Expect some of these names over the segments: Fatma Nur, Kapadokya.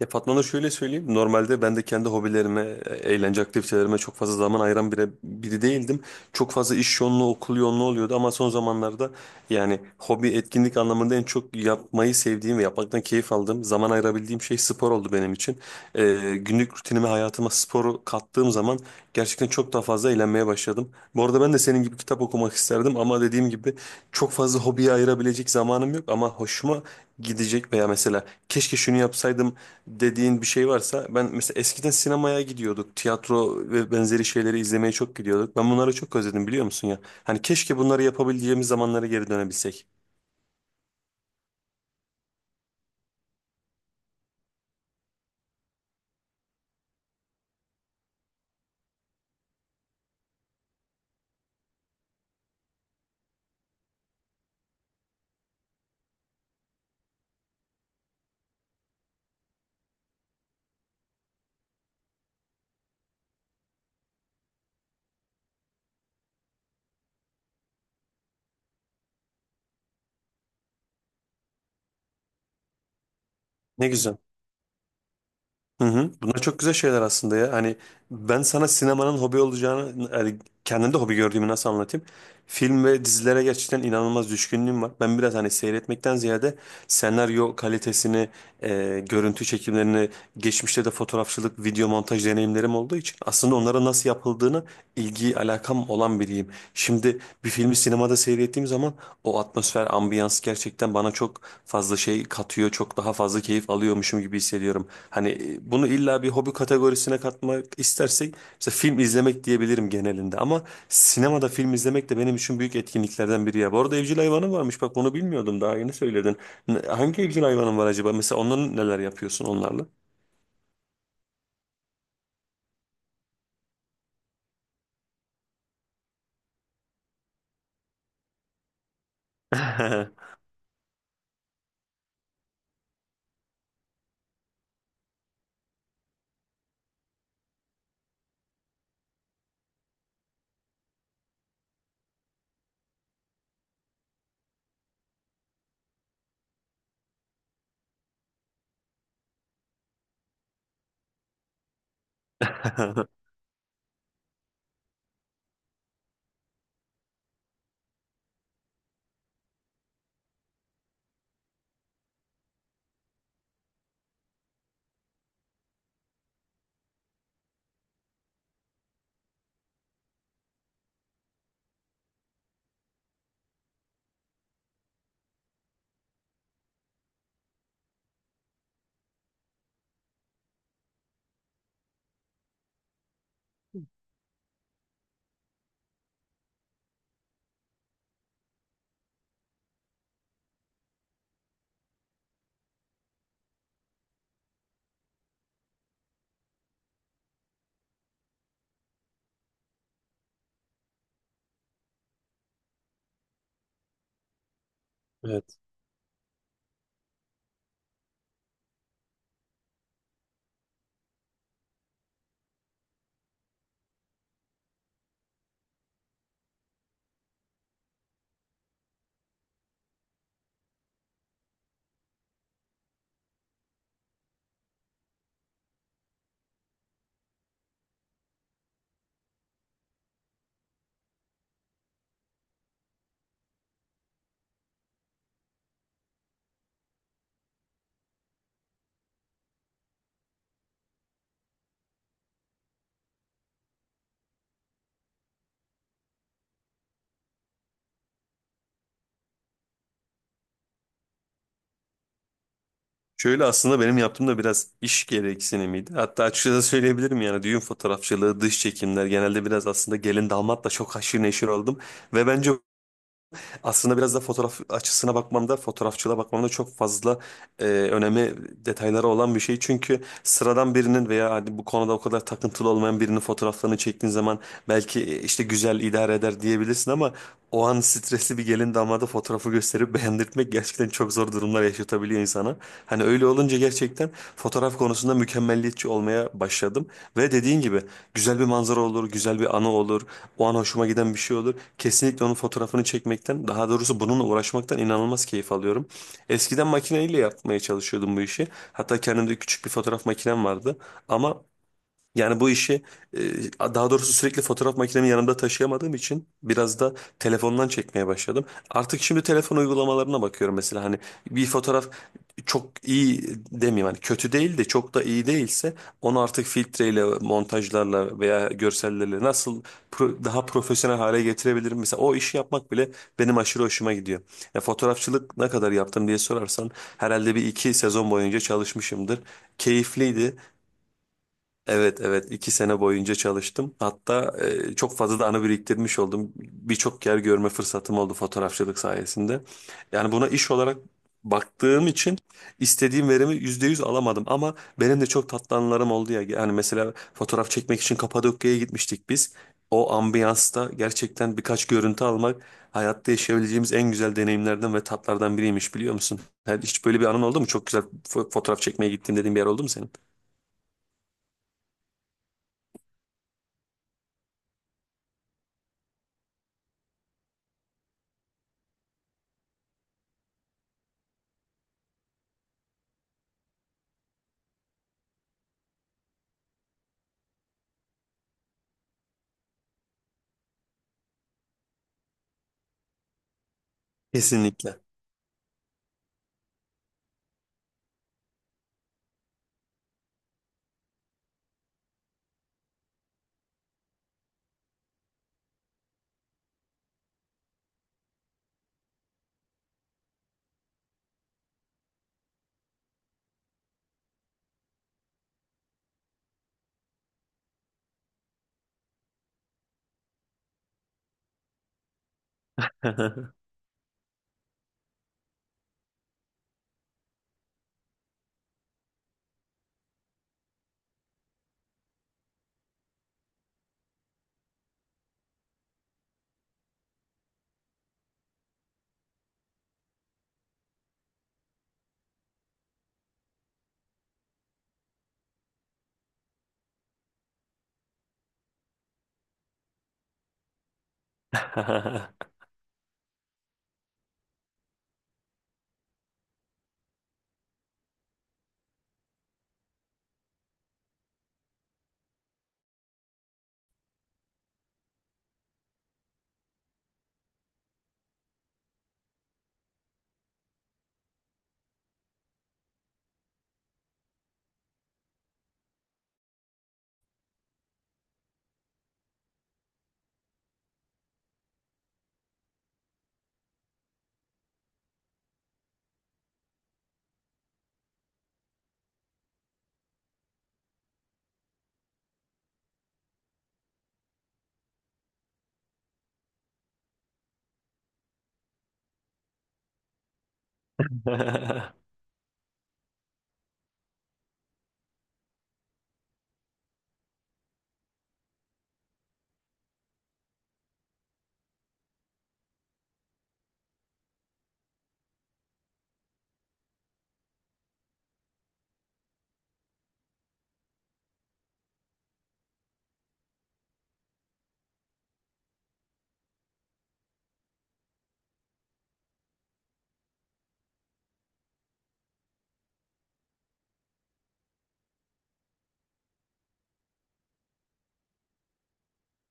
Ya Fatma Nur şöyle söyleyeyim. Normalde ben de kendi hobilerime, eğlence aktivitelerime çok fazla zaman ayıran biri değildim. Çok fazla iş yoğunluğu, okul yoğunluğu oluyordu ama son zamanlarda yani hobi etkinlik anlamında en çok yapmayı sevdiğim ve yapmaktan keyif aldığım, zaman ayırabildiğim şey spor oldu benim için. Günlük rutinime, hayatıma sporu kattığım zaman gerçekten çok daha fazla eğlenmeye başladım. Bu arada ben de senin gibi kitap okumak isterdim ama dediğim gibi çok fazla hobiye ayırabilecek zamanım yok ama hoşuma gidecek veya mesela keşke şunu yapsaydım dediğin bir şey varsa ben mesela eskiden sinemaya gidiyorduk. Tiyatro ve benzeri şeyleri izlemeye çok gidiyorduk. Ben bunları çok özledim biliyor musun ya? Hani keşke bunları yapabileceğimiz zamanlara geri dönebilsek. Ne güzel. Hı hı. Bunlar çok güzel şeyler aslında ya. Hani ben sana sinemanın hobi olacağını, yani kendimde hobi gördüğümü nasıl anlatayım? Film ve dizilere gerçekten inanılmaz düşkünlüğüm var. Ben biraz hani seyretmekten ziyade senaryo kalitesini, görüntü çekimlerini, geçmişte de fotoğrafçılık, video montaj deneyimlerim olduğu için aslında onlara nasıl yapıldığını ilgi alakam olan biriyim. Şimdi bir filmi sinemada seyrettiğim zaman o atmosfer, ambiyans gerçekten bana çok fazla şey katıyor. Çok daha fazla keyif alıyormuşum gibi hissediyorum. Hani bunu illa bir hobi kategorisine katmak istersek mesela film izlemek diyebilirim genelinde. Ama sinemada film izlemek de benim için büyük etkinliklerden biri ya. Bu arada evcil hayvanın varmış. Bak onu bilmiyordum. Daha yeni söyledin. Hangi evcil hayvanın var acaba? Mesela onların neler yapıyorsun onlarla? Evet. Şöyle aslında benim yaptığım da biraz iş gereksinimiydi. Hatta açıkçası söyleyebilirim yani düğün fotoğrafçılığı, dış çekimler genelde biraz aslında gelin damatla çok haşır neşir oldum. Ve bence aslında biraz da fotoğraf açısına bakmamda, fotoğrafçılığa bakmamda çok fazla önemi, detayları olan bir şey. Çünkü sıradan birinin veya hani bu konuda o kadar takıntılı olmayan birinin fotoğraflarını çektiğin zaman belki işte güzel idare eder diyebilirsin ama o an stresli bir gelin damada fotoğrafı gösterip beğendirtmek gerçekten çok zor durumlar yaşatabiliyor insana. Hani öyle olunca gerçekten fotoğraf konusunda mükemmelliyetçi olmaya başladım. Ve dediğin gibi güzel bir manzara olur, güzel bir anı olur, o an hoşuma giden bir şey olur. Kesinlikle onun fotoğrafını çekmekten, daha doğrusu bununla uğraşmaktan inanılmaz keyif alıyorum. Eskiden makineyle yapmaya çalışıyordum bu işi. Hatta kendimde küçük bir fotoğraf makinem vardı. Ama yani bu işi e, daha doğrusu sürekli fotoğraf makinemi yanımda taşıyamadığım için biraz da telefondan çekmeye başladım. Artık şimdi telefon uygulamalarına bakıyorum mesela hani bir fotoğraf çok iyi demeyeyim hani kötü değil de çok da iyi değilse onu artık filtreyle, montajlarla veya görsellerle nasıl daha profesyonel hale getirebilirim? Mesela o işi yapmak bile benim aşırı hoşuma gidiyor. Ya fotoğrafçılık ne kadar yaptım diye sorarsan herhalde bir iki sezon boyunca çalışmışımdır. Keyifliydi. Evet evet, 2 sene boyunca çalıştım. Hatta çok fazla da anı biriktirmiş oldum. Birçok yer görme fırsatım oldu fotoğrafçılık sayesinde. Yani buna iş olarak baktığım için istediğim verimi %100 alamadım. Ama benim de çok tatlı anılarım oldu ya. Yani mesela fotoğraf çekmek için Kapadokya'ya gitmiştik biz. O ambiyansta gerçekten birkaç görüntü almak hayatta yaşayabileceğimiz en güzel deneyimlerden ve tatlardan biriymiş biliyor musun? Yani hiç böyle bir anın oldu mu? Çok güzel fotoğraf çekmeye gittim dediğin bir yer oldu mu senin? Kesinlikle.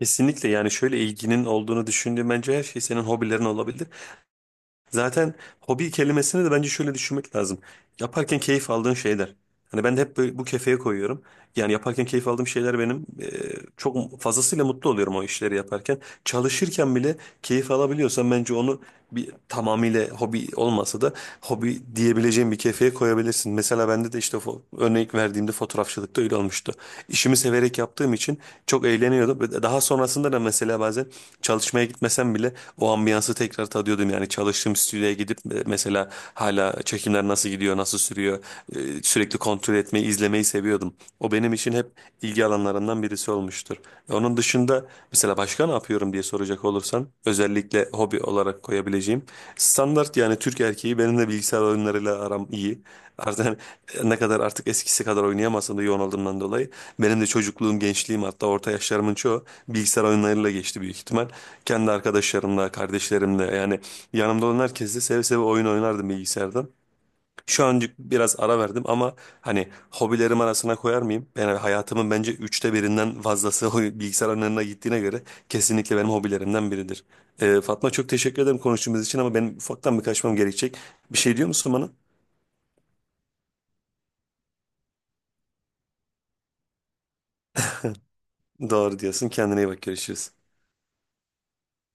Kesinlikle yani şöyle ilginin olduğunu düşündüğüm bence her şey senin hobilerin olabilir. Zaten hobi kelimesini de bence şöyle düşünmek lazım. Yaparken keyif aldığın şeyler. Hani ben de hep böyle bu kefeye koyuyorum. Yani yaparken keyif aldığım şeyler benim çok fazlasıyla mutlu oluyorum o işleri yaparken. Çalışırken bile keyif alabiliyorsam bence onu bir tamamıyla hobi olmasa da hobi diyebileceğim bir kefeye koyabilirsin. Mesela bende de işte örnek verdiğimde fotoğrafçılıkta öyle olmuştu. İşimi severek yaptığım için çok eğleniyordum. Ve daha sonrasında da mesela bazen çalışmaya gitmesem bile o ambiyansı tekrar tadıyordum. Yani çalıştığım stüdyoya gidip mesela hala çekimler nasıl gidiyor, nasıl sürüyor sürekli kontrol etmeyi, izlemeyi seviyordum. O benim için hep ilgi alanlarından birisi olmuştur. Onun dışında mesela başka ne yapıyorum diye soracak olursan özellikle hobi olarak koyabileceğim standart yani Türk erkeği benim de bilgisayar oyunlarıyla aram iyi. Artık ne kadar artık eskisi kadar oynayamasam da yoğun olduğumdan dolayı benim de çocukluğum, gençliğim hatta orta yaşlarımın çoğu bilgisayar oyunlarıyla geçti büyük ihtimal. Kendi arkadaşlarımla, kardeşlerimle yani yanımda olan herkesle seve seve oyun oynardım bilgisayardan. Şu an biraz ara verdim ama hani hobilerim arasına koyar mıyım? Yani hayatımın bence üçte birinden fazlası o bilgisayar önüne gittiğine göre kesinlikle benim hobilerimden biridir. Fatma çok teşekkür ederim konuştuğumuz için ama benim ufaktan bir kaçmam gerekecek. Bir şey diyor musun bana? Doğru diyorsun. Kendine iyi bak. Görüşürüz.